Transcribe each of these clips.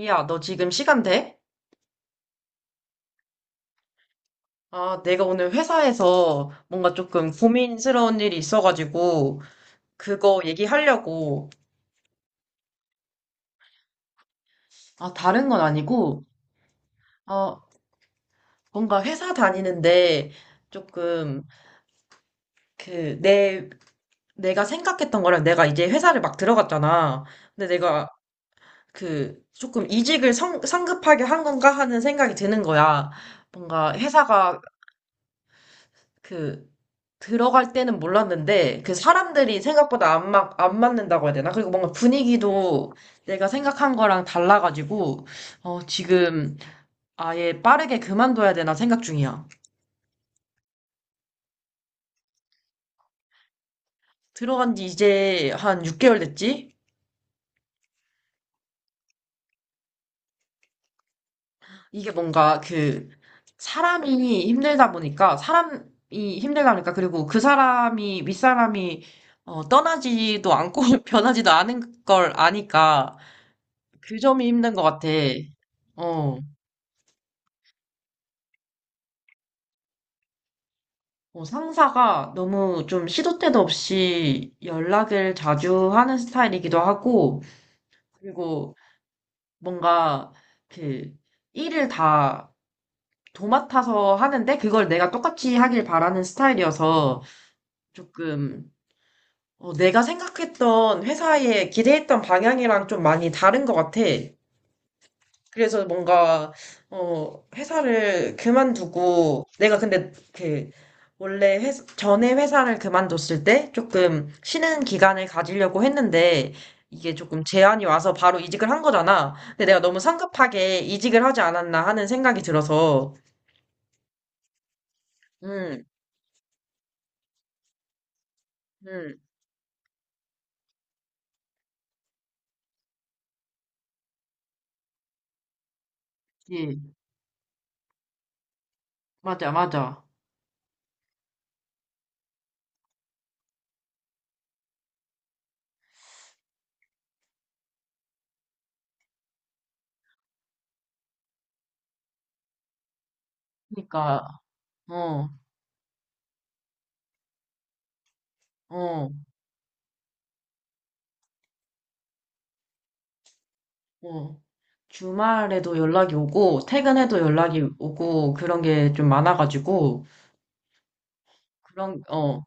야, 너 지금 시간 돼? 아, 내가 오늘 회사에서 뭔가 조금 고민스러운 일이 있어가지고, 그거 얘기하려고. 아, 다른 건 아니고, 어, 뭔가 회사 다니는데 조금, 그, 내, 내가 생각했던 거랑 내가 이제 회사를 막 들어갔잖아. 근데 내가 그, 조금 이직을 성급하게 한 건가 하는 생각이 드는 거야. 뭔가 회사가 그 들어갈 때는 몰랐는데 그 사람들이 생각보다 안 맞는다고 해야 되나? 그리고 뭔가 분위기도 내가 생각한 거랑 달라가지고 어, 지금 아예 빠르게 그만둬야 되나 생각 중이야. 들어간 지 이제 한 6개월 됐지? 이게 뭔가 사람이 힘들다 보니까 그리고 그 사람이 윗사람이 어, 떠나지도 않고 변하지도 않은 걸 아니까 그 점이 힘든 것 같아. 어. 어, 상사가 너무 좀 시도 때도 없이 연락을 자주 하는 스타일이기도 하고, 그리고 뭔가 그 일을 다 도맡아서 하는데 그걸 내가 똑같이 하길 바라는 스타일이어서 조금 어, 내가 생각했던 회사에 기대했던 방향이랑 좀 많이 다른 것 같아. 그래서 뭔가, 어, 회사를 그만두고, 내가 근데 그, 원래 회 전에 회사를 그만뒀을 때 조금 쉬는 기간을 가지려고 했는데, 이게 조금 제안이 와서 바로 이직을 한 거잖아. 근데 내가 너무 성급하게 이직을 하지 않았나 하는 생각이 들어서, 음, 음, 예, 맞아, 맞아. 그러니까, 어, 어, 어. 주말에도 연락이 오고, 퇴근해도 연락이 오고, 그런 게 좀 많아가지고, 그런, 어,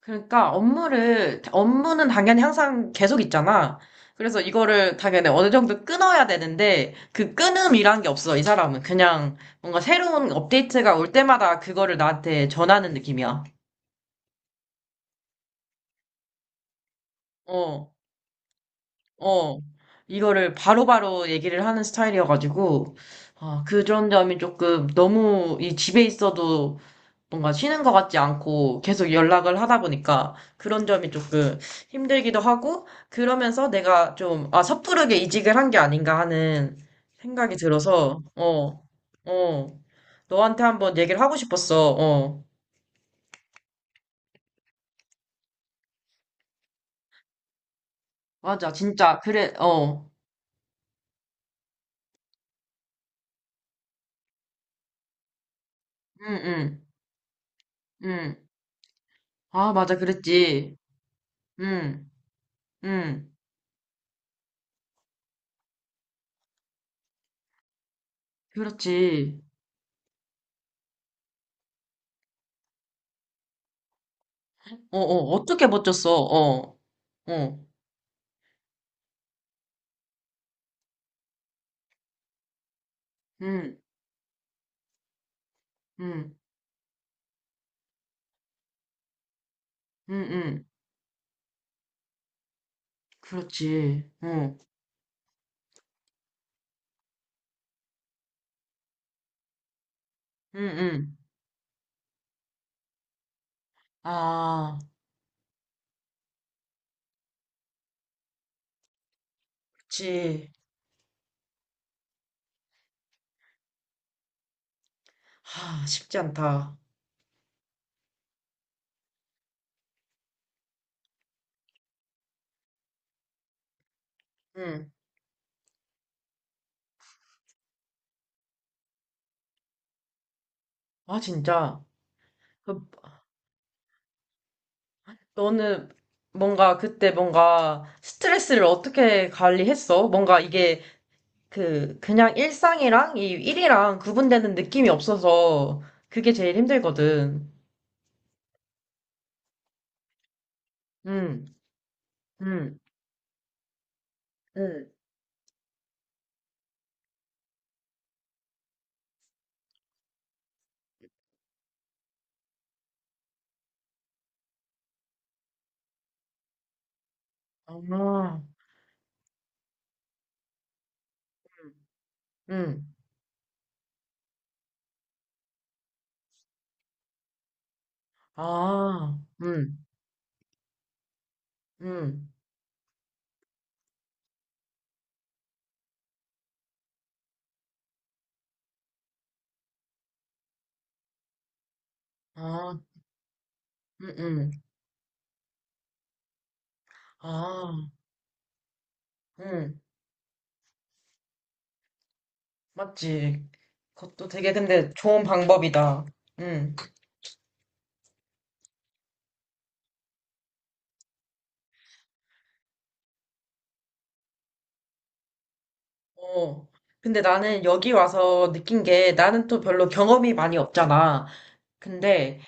그러니까 업무는 당연히 항상 계속 있잖아. 그래서 이거를 당연히 어느 정도 끊어야 되는데, 그 끊음이란 게 없어, 이 사람은. 그냥 뭔가 새로운 업데이트가 올 때마다 그거를 나한테 전하는 느낌이야. 어, 어. 이거를 바로바로 얘기를 하는 스타일이어가지고, 아, 그런 점이 조금 너무 이 집에 있어도 뭔가 쉬는 것 같지 않고 계속 연락을 하다 보니까 그런 점이 조금 힘들기도 하고 그러면서 내가 좀, 아, 섣부르게 이직을 한 게 아닌가 하는 생각이 들어서, 어, 어, 너한테 한번 얘기를 하고 싶었어, 어. 맞아, 진짜, 그래, 어. 응, 응, 응. 아, 맞아, 그랬지. 응, 응. 그렇지. 어, 어, 어떻게 버텼어, 어, 어. 응, 응, 응, 응. 그렇지. 어. 응, 응. 아, 그치. 아, 쉽지 않다. 응. 아, 진짜. 그, 너는 뭔가 그때 뭔가 스트레스를 어떻게 관리했어? 뭔가 이게 그, 그냥 일상이랑 이 일이랑 구분되는 느낌이 없어서 그게 제일 힘들거든. 응, 응, 응. 아, 응. 응. 아, 응, 응. 아, 응, 응. 아, 응. 맞지. 그것도 되게 근데 좋은 방법이다. 응. 어. 근데 나는 여기 와서 느낀 게 나는 또 별로 경험이 많이 없잖아. 근데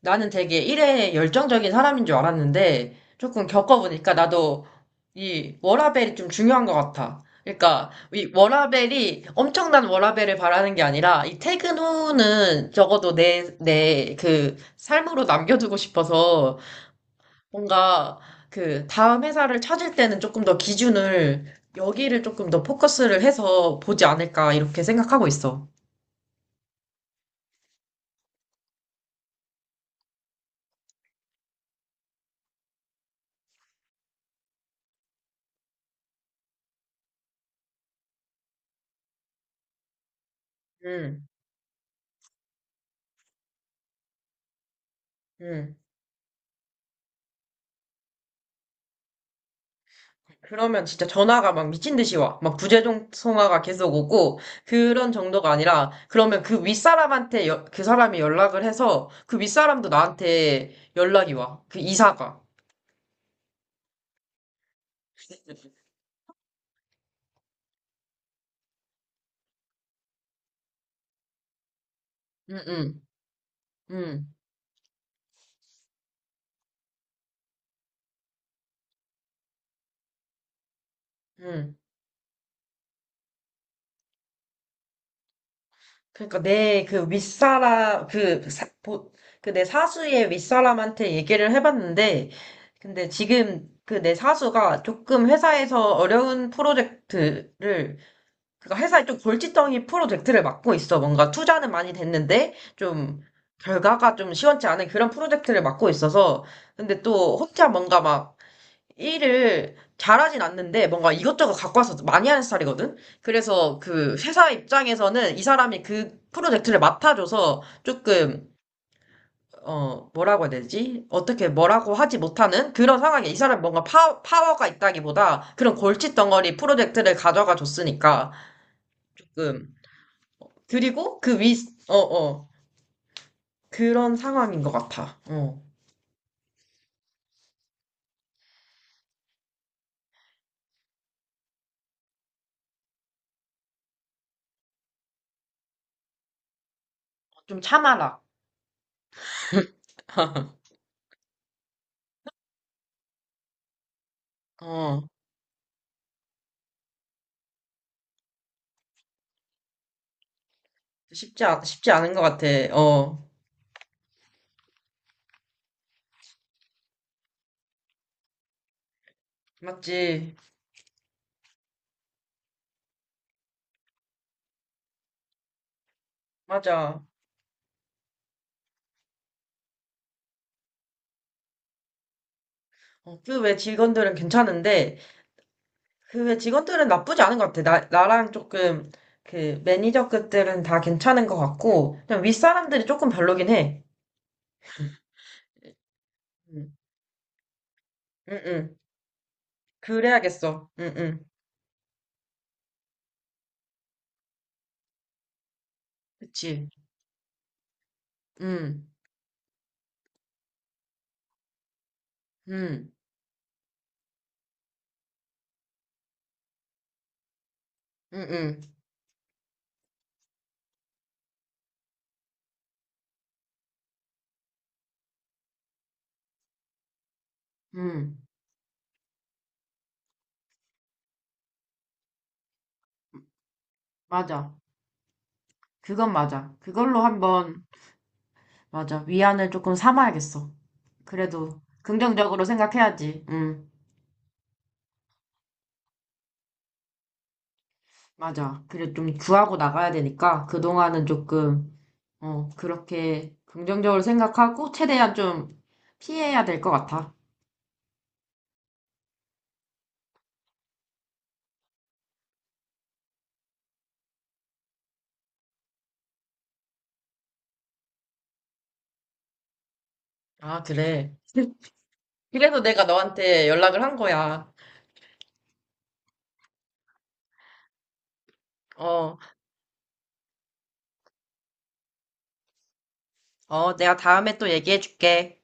나는 되게 일에 열정적인 사람인 줄 알았는데 조금 겪어보니까 나도 이 워라밸이 좀 중요한 것 같아. 그러니까 이 워라밸이 엄청난 워라밸을 바라는 게 아니라 이 퇴근 후는 적어도 내 그 삶으로 남겨두고 싶어서 뭔가 그 다음 회사를 찾을 때는 조금 더 기준을 여기를 조금 더 포커스를 해서 보지 않을까 이렇게 생각하고 있어. 음, 음. 그러면 진짜 전화가 막 미친 듯이 와. 막 부재중 통화가 계속 오고 그런 정도가 아니라 그러면 그 윗사람한테 그 사람이 연락을 해서 그 윗사람도 나한테 연락이 와. 그 이사가. 응, 응, 응, 응. 그러니까 내 그 윗사람 그 내 사수의 윗사람한테 얘기를 해봤는데 근데 지금 그 내 사수가 조금 회사에서 어려운 프로젝트를 그니까 회사에 좀 골칫덩이 프로젝트를 맡고 있어. 뭔가 투자는 많이 됐는데 좀 결과가 좀 시원치 않은 그런 프로젝트를 맡고 있어서 근데 또 혼자 뭔가 막 일을 잘하진 않는데 뭔가 이것저것 갖고 와서 많이 하는 스타일이거든? 그래서 그 회사 입장에서는 이 사람이 그 프로젝트를 맡아줘서 조금, 어, 뭐라고 해야 되지? 어떻게 뭐라고 하지 못하는 그런 상황에 이 사람 뭔가 파워가 있다기보다 그런 골칫덩어리 프로젝트를 가져가 줬으니까 조금. 그리고 어, 어. 그런 상황인 것 같아. 어. 좀 참아라. 어. 쉽지 않은 것 같아. 어. 맞지. 맞아. 어, 그외 직원들은 괜찮은데, 그 외 직원들은 나쁘지 않은 것 같아. 나랑 조금, 그, 매니저급들은 다 괜찮은 것 같고, 그냥 윗사람들이 조금 별로긴 해. 응, 응, 응. 그래야겠어. 응, 응. 그치. 응, 응, 응, 응, 응. 맞아. 그건 맞아. 그걸로 한번, 맞아. 위안을 조금 삼아야겠어. 그래도, 긍정적으로 생각해야지. 응, 맞아. 그래, 좀 구하고 나가야 되니까, 그동안은 조금, 어, 그렇게 긍정적으로 생각하고 최대한 좀 피해야 될 것 같아. 아, 그래. 그래서 내가 너한테 연락을 한 거야. 어, 어, 내가 다음에 또 얘기해 줄게.